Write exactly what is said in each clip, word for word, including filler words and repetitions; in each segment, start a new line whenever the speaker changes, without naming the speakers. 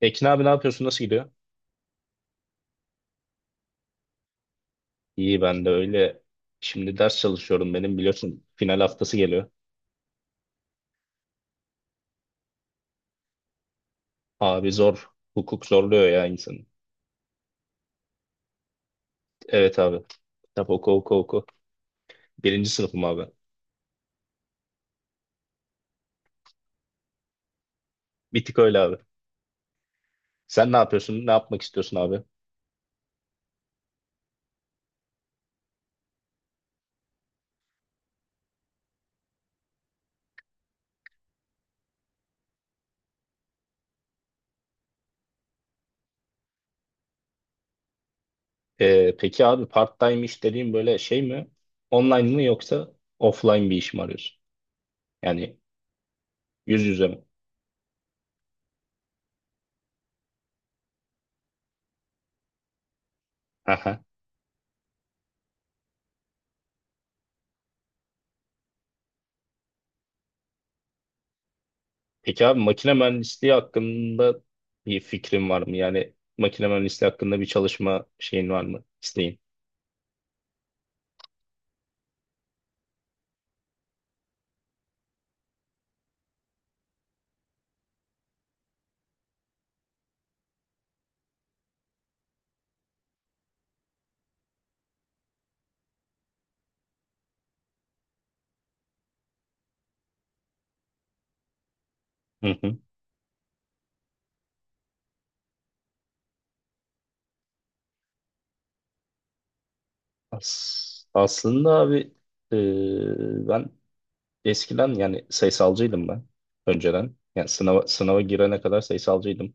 Ekin abi ne yapıyorsun? Nasıl gidiyor? İyi ben de öyle. Şimdi ders çalışıyorum benim biliyorsun final haftası geliyor. Abi zor. Hukuk zorluyor ya insanı. Evet abi. Kitap oku oku oku. Birinci sınıfım abi. Bir tık öyle abi. Sen ne yapıyorsun? Ne yapmak istiyorsun abi? Ee, peki abi part-time iş dediğin böyle şey mi? Online mı yoksa offline bir iş mi arıyorsun? Yani yüz yüze mi? Peki abi makine mühendisliği hakkında bir fikrin var mı? Yani makine mühendisliği hakkında bir çalışma şeyin var mı? İsteğin. Hı hı. As- aslında abi e, ben eskiden yani sayısalcıydım ben önceden. Yani sınava, sınava girene kadar sayısalcıydım.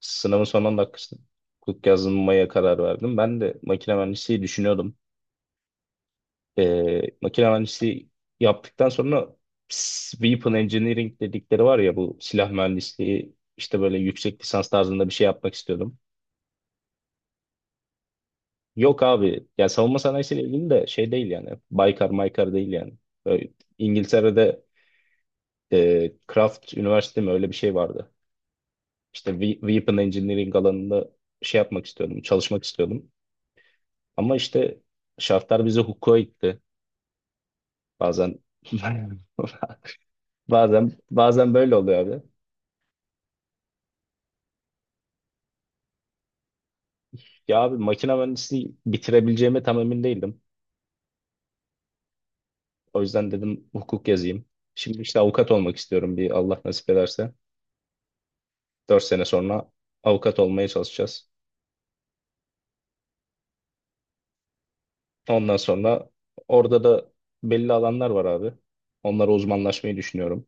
Sınavın son on dakikasında hukuk yazmaya karar verdim. Ben de makine mühendisliği düşünüyordum. e, makine mühendisliği yaptıktan sonra s- Weapon Engineering dedikleri var ya bu silah mühendisliği işte böyle yüksek lisans tarzında bir şey yapmak istiyordum. Yok abi ya savunma sanayisiyle ilgili de şey değil yani Baykar Maykar değil yani. Böyle İngiltere'de e, Craft Üniversite mi öyle bir şey vardı. İşte We- Weapon Engineering alanında şey yapmak istiyordum, çalışmak istiyordum. Ama işte şartlar bizi hukuka itti. Bazen bazen bazen böyle oluyor abi. Ya abi makine mühendisliği bitirebileceğime tam emin değildim. O yüzden dedim hukuk yazayım. Şimdi işte avukat olmak istiyorum bir Allah nasip ederse. Dört sene sonra avukat olmaya çalışacağız. Ondan sonra orada da belli alanlar var abi. Onlara uzmanlaşmayı düşünüyorum.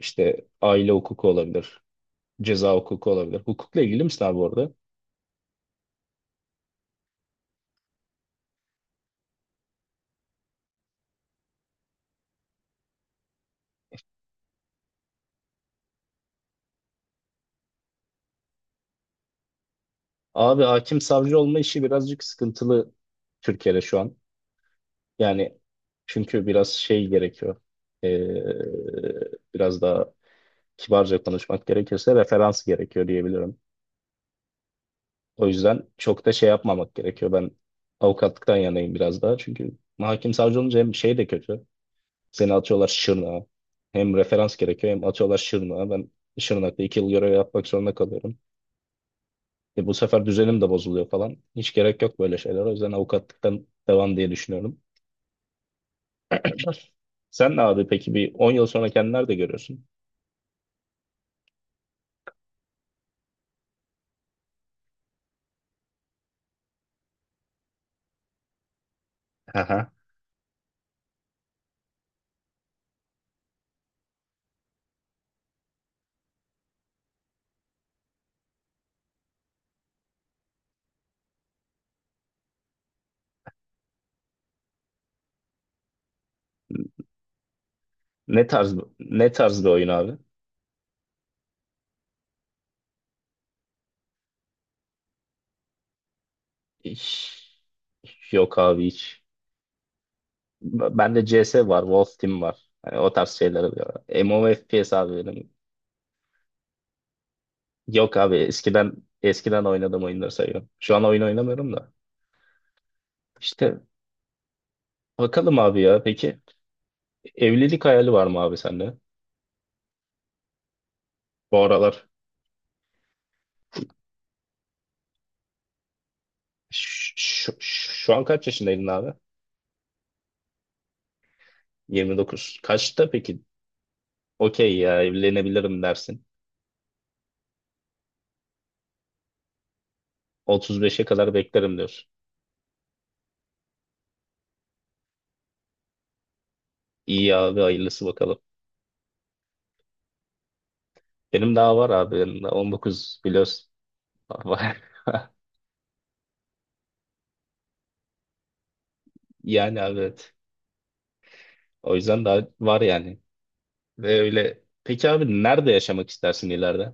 İşte aile hukuku olabilir, ceza hukuku olabilir. Hukukla ilgili misin abi orada? Abi hakim savcı olma işi birazcık sıkıntılı Türkiye'de şu an. Yani çünkü biraz şey gerekiyor. Ee, biraz daha kibarca konuşmak gerekirse referans gerekiyor diyebilirim. O yüzden çok da şey yapmamak gerekiyor. Ben avukatlıktan yanayım biraz daha. Çünkü hakim savcı olunca hem şey de kötü. Seni atıyorlar Şırnak'a. Hem referans gerekiyor hem atıyorlar Şırnak'a. Ben Şırnak'ta iki yıl görev yapmak zorunda kalıyorum. E, bu sefer düzenim de bozuluyor falan. Hiç gerek yok böyle şeyler. O yüzden avukatlıktan devam diye düşünüyorum. Sen ne abi peki bir on yıl sonra kendini nerede görüyorsun? Aha. Ne tarz ne tarz bir oyun abi? Hiç- Yok abi hiç. Bende C S var, Wolf Team var. Hani o tarz şeyler oluyor. M M O F P S abi benim. Yok abi eskiden eskiden oynadığım oyunları sayıyorum. Şu an oyun oynamıyorum da. İşte bakalım abi ya. Peki evlilik hayali var mı abi sende? Bu aralar Ş- ş- ş- şu an kaç yaşındaydın abi? yirmi dokuz. Kaçta peki? Okey ya evlenebilirim dersin. otuz beşe kadar beklerim diyorsun. İyi abi hayırlısı bakalım. Benim daha var abi. Benim daha on dokuz biliyorsun. Yani abi evet. O yüzden daha var yani. Ve öyle peki abi nerede yaşamak istersin ileride?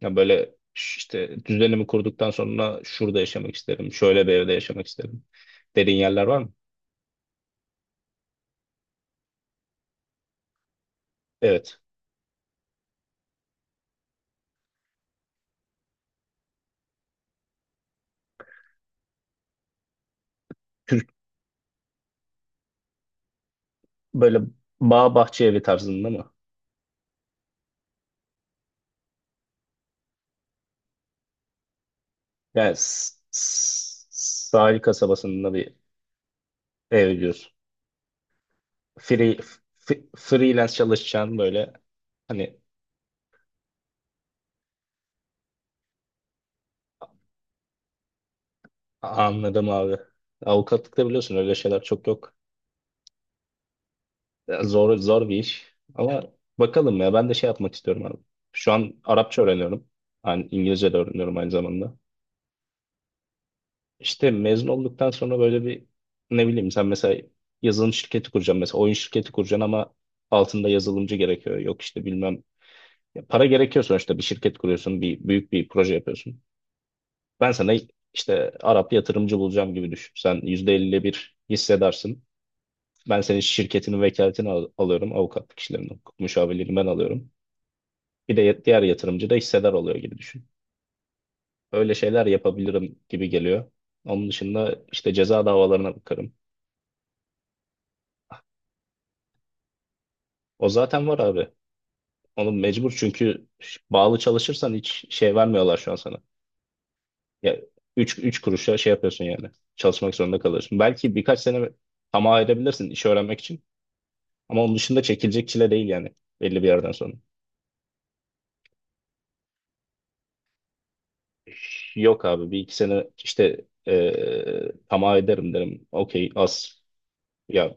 Ya böyle ş- işte düzenimi kurduktan sonra şurada yaşamak isterim. Şöyle bir evde yaşamak isterim. Dediğin yerler var mı? Evet. Türk böyle bağ bahçe evi tarzında mı? Yani s- s- sahil kasabasında bir ev diyorsun. Free, f- freelance çalışacağın böyle hani anladım abi. Avukatlıkta biliyorsun öyle şeyler çok yok. Ya, Zor zor bir iş. Ama bakalım ya ben de şey yapmak istiyorum abi. Şu an Arapça öğreniyorum. Yani İngilizce de öğreniyorum aynı zamanda. İşte mezun olduktan sonra böyle bir ne bileyim sen mesela yazılım şirketi kuracaksın mesela oyun şirketi kuracaksın ama altında yazılımcı gerekiyor. Yok işte bilmem. Ya para gerekiyor sonuçta bir şirket kuruyorsun bir büyük bir proje yapıyorsun. Ben sana işte Arap yatırımcı bulacağım gibi düşün. Sen yüzde elliyle bir hissedarsın. Ben senin şirketinin vekaletini al- alıyorum. Avukatlık işlerinden, hukuk müşavirliğini ben alıyorum. Bir de diğer yatırımcı da hissedar oluyor gibi düşün. Öyle şeyler yapabilirim gibi geliyor. Onun dışında işte ceza davalarına bakarım. O zaten var abi. Onu mecbur çünkü bağlı çalışırsan hiç şey vermiyorlar şu an sana. Ya üç üç kuruşa şey yapıyorsun yani. Çalışmak zorunda kalıyorsun. Belki birkaç sene tamah ayırabilirsin işi öğrenmek için. Ama onun dışında çekilecek çile değil yani belli bir yerden sonra. Yok abi bir iki sene işte eee tamah ederim derim. Okey az. Ya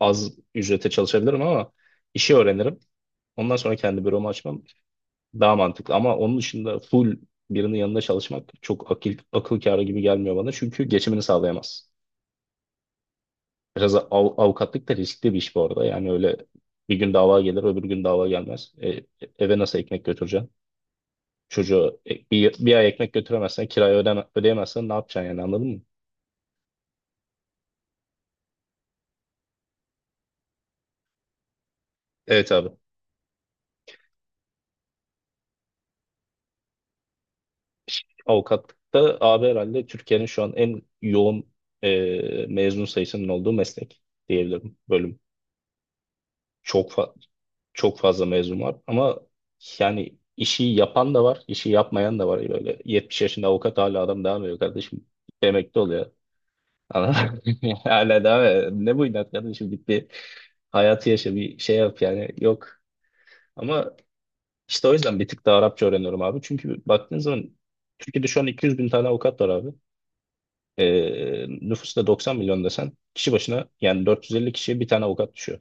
az ücrete çalışabilirim ama işi öğrenirim. Ondan sonra kendi büromu açmam daha mantıklı. Ama onun dışında full birinin yanında çalışmak çok akıl, akıl kârı gibi gelmiyor bana. Çünkü geçimini sağlayamaz. Biraz av- avukatlık da riskli bir iş bu arada. Yani öyle bir gün dava gelir, öbür gün dava gelmez. E, eve nasıl ekmek götüreceksin? Çocuğa e, bir, bir ay ekmek götüremezsen, kirayı ödeme, ödeyemezsen ne yapacaksın yani anladın mı? Evet abi. Avukatlıkta abi herhalde Türkiye'nin şu an en yoğun e, mezun sayısının olduğu meslek diyebilirim bölüm. Çok fa- çok fazla mezun var ama yani işi yapan da var, işi yapmayan da var. Böyle yetmiş yaşında avukat hala adam devam ediyor kardeşim. Emekli oluyor. Anladın mı? Hala devam ediyor. Ne bu inat kardeşim git bir hayatı yaşa bir şey yap yani yok. Ama işte o yüzden bir tık daha Arapça öğreniyorum abi. Çünkü baktığın zaman Türkiye'de şu an iki yüz bin tane avukat var abi. Ee, nüfus da doksan milyon desen kişi başına yani dört yüz elli kişiye bir tane avukat düşüyor.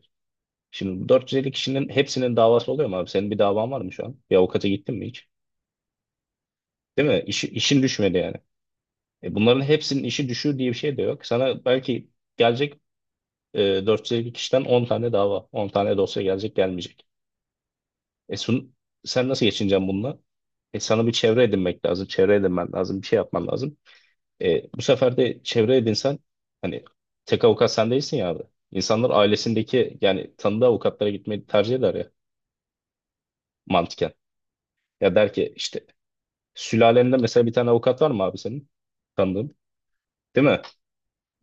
Şimdi bu dört yüz elli kişinin hepsinin davası oluyor mu abi? Senin bir davan var mı şu an? Bir avukata gittin mi hiç? Değil mi? İşi, işin düşmedi yani. E bunların hepsinin işi düşüyor diye bir şey de yok. Sana belki gelecek e, dört yüz elli kişiden on tane dava, on tane dosya gelecek gelmeyecek. E sun, sen nasıl geçineceksin bununla? E, sana bir çevre edinmek lazım, çevre edinmen lazım, bir şey yapman lazım. E, bu sefer de çevre edinsen hani tek avukat sen değilsin ya abi. İnsanlar ailesindeki yani tanıdığı avukatlara gitmeyi tercih eder ya mantıken. Ya der ki işte sülalende mesela bir tane avukat var mı abi senin tanıdığın? Değil mi?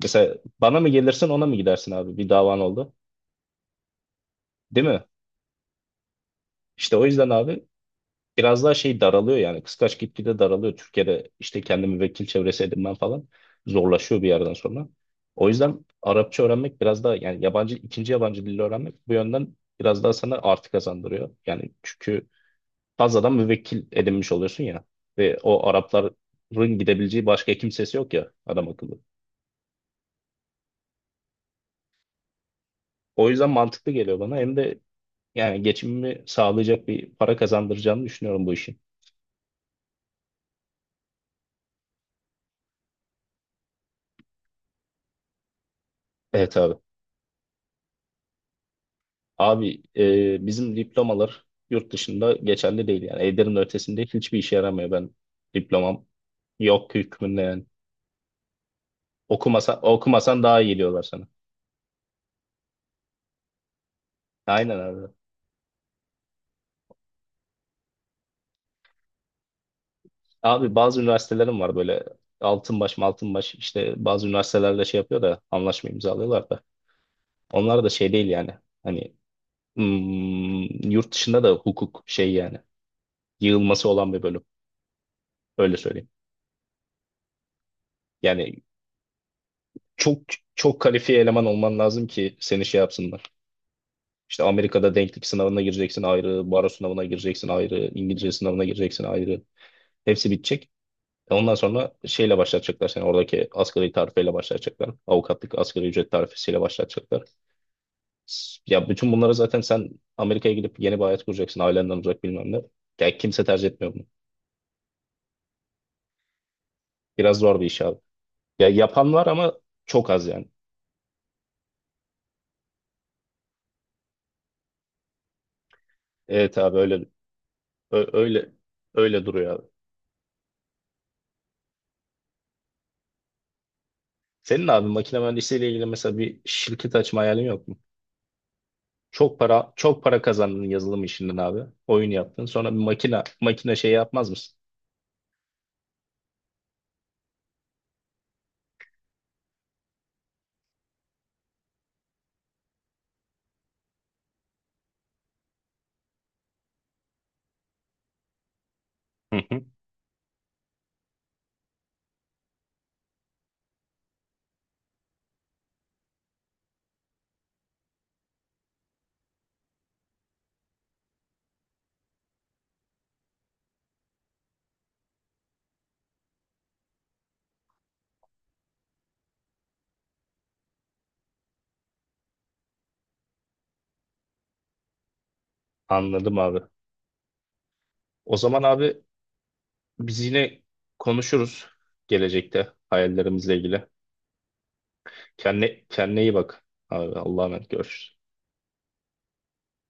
Mesela bana mı gelirsin ona mı gidersin abi bir davan oldu? Değil mi? İşte o yüzden abi biraz daha şey daralıyor yani kıskaç gitgide daralıyor. Türkiye'de işte kendi müvekkil çevresi edinmen falan zorlaşıyor bir yerden sonra. O yüzden Arapça öğrenmek biraz daha yani yabancı ikinci yabancı dili öğrenmek bu yönden biraz daha sana artı kazandırıyor. Yani çünkü fazladan müvekkil edinmiş oluyorsun ya ve o Arapların gidebileceği başka kimsesi yok ya adam akıllı. O yüzden mantıklı geliyor bana hem de yani geçimimi sağlayacak bir para kazandıracağını düşünüyorum bu işin. Evet abi. Abi e, bizim diplomalar yurt dışında geçerli değil yani. Eder'in ötesinde hiçbir işe yaramıyor ben. Diplomam yok hükmünde yani. Okumasa, okumasan daha iyi geliyorlar sana. Aynen abi. Abi bazı üniversitelerim var böyle Altınbaş Maltınbaş işte bazı üniversitelerle şey yapıyor da anlaşma imzalıyorlar da. Onlar da şey değil yani. Hani hmm, yurt dışında da hukuk şey yani. Yığılması olan bir bölüm. Öyle söyleyeyim. Yani çok çok kalifiye eleman olman lazım ki seni şey yapsınlar. İşte Amerika'da denklik sınavına gireceksin ayrı, baro sınavına gireceksin ayrı, İngilizce sınavına gireceksin ayrı. Hepsi bitecek. E Ondan sonra şeyle başlatacaklar seni oradaki asgari tarifeyle başlatacaklar. Avukatlık asgari ücret tarifesiyle başlatacaklar. S- Ya bütün bunlara zaten sen Amerika'ya gidip yeni bir hayat kuracaksın ailenden uzak bilmem ne. Ya kimse tercih etmiyor bunu. Biraz zor bir iş abi. Ya yapan var ama çok az yani. Evet abi öyle ö- öyle öyle duruyor abi. Senin abi makine mühendisliğiyle ilgili mesela bir şirket açma hayalin yok mu? Çok para çok para kazandın yazılım işinden abi. Oyun yaptın. Sonra bir makine makine şey yapmaz mısın? Hı hı. Anladım abi. O zaman abi biz yine konuşuruz gelecekte hayallerimizle ilgili. Kendine, kendine iyi bak. Abi Allah'a emanet görüşürüz.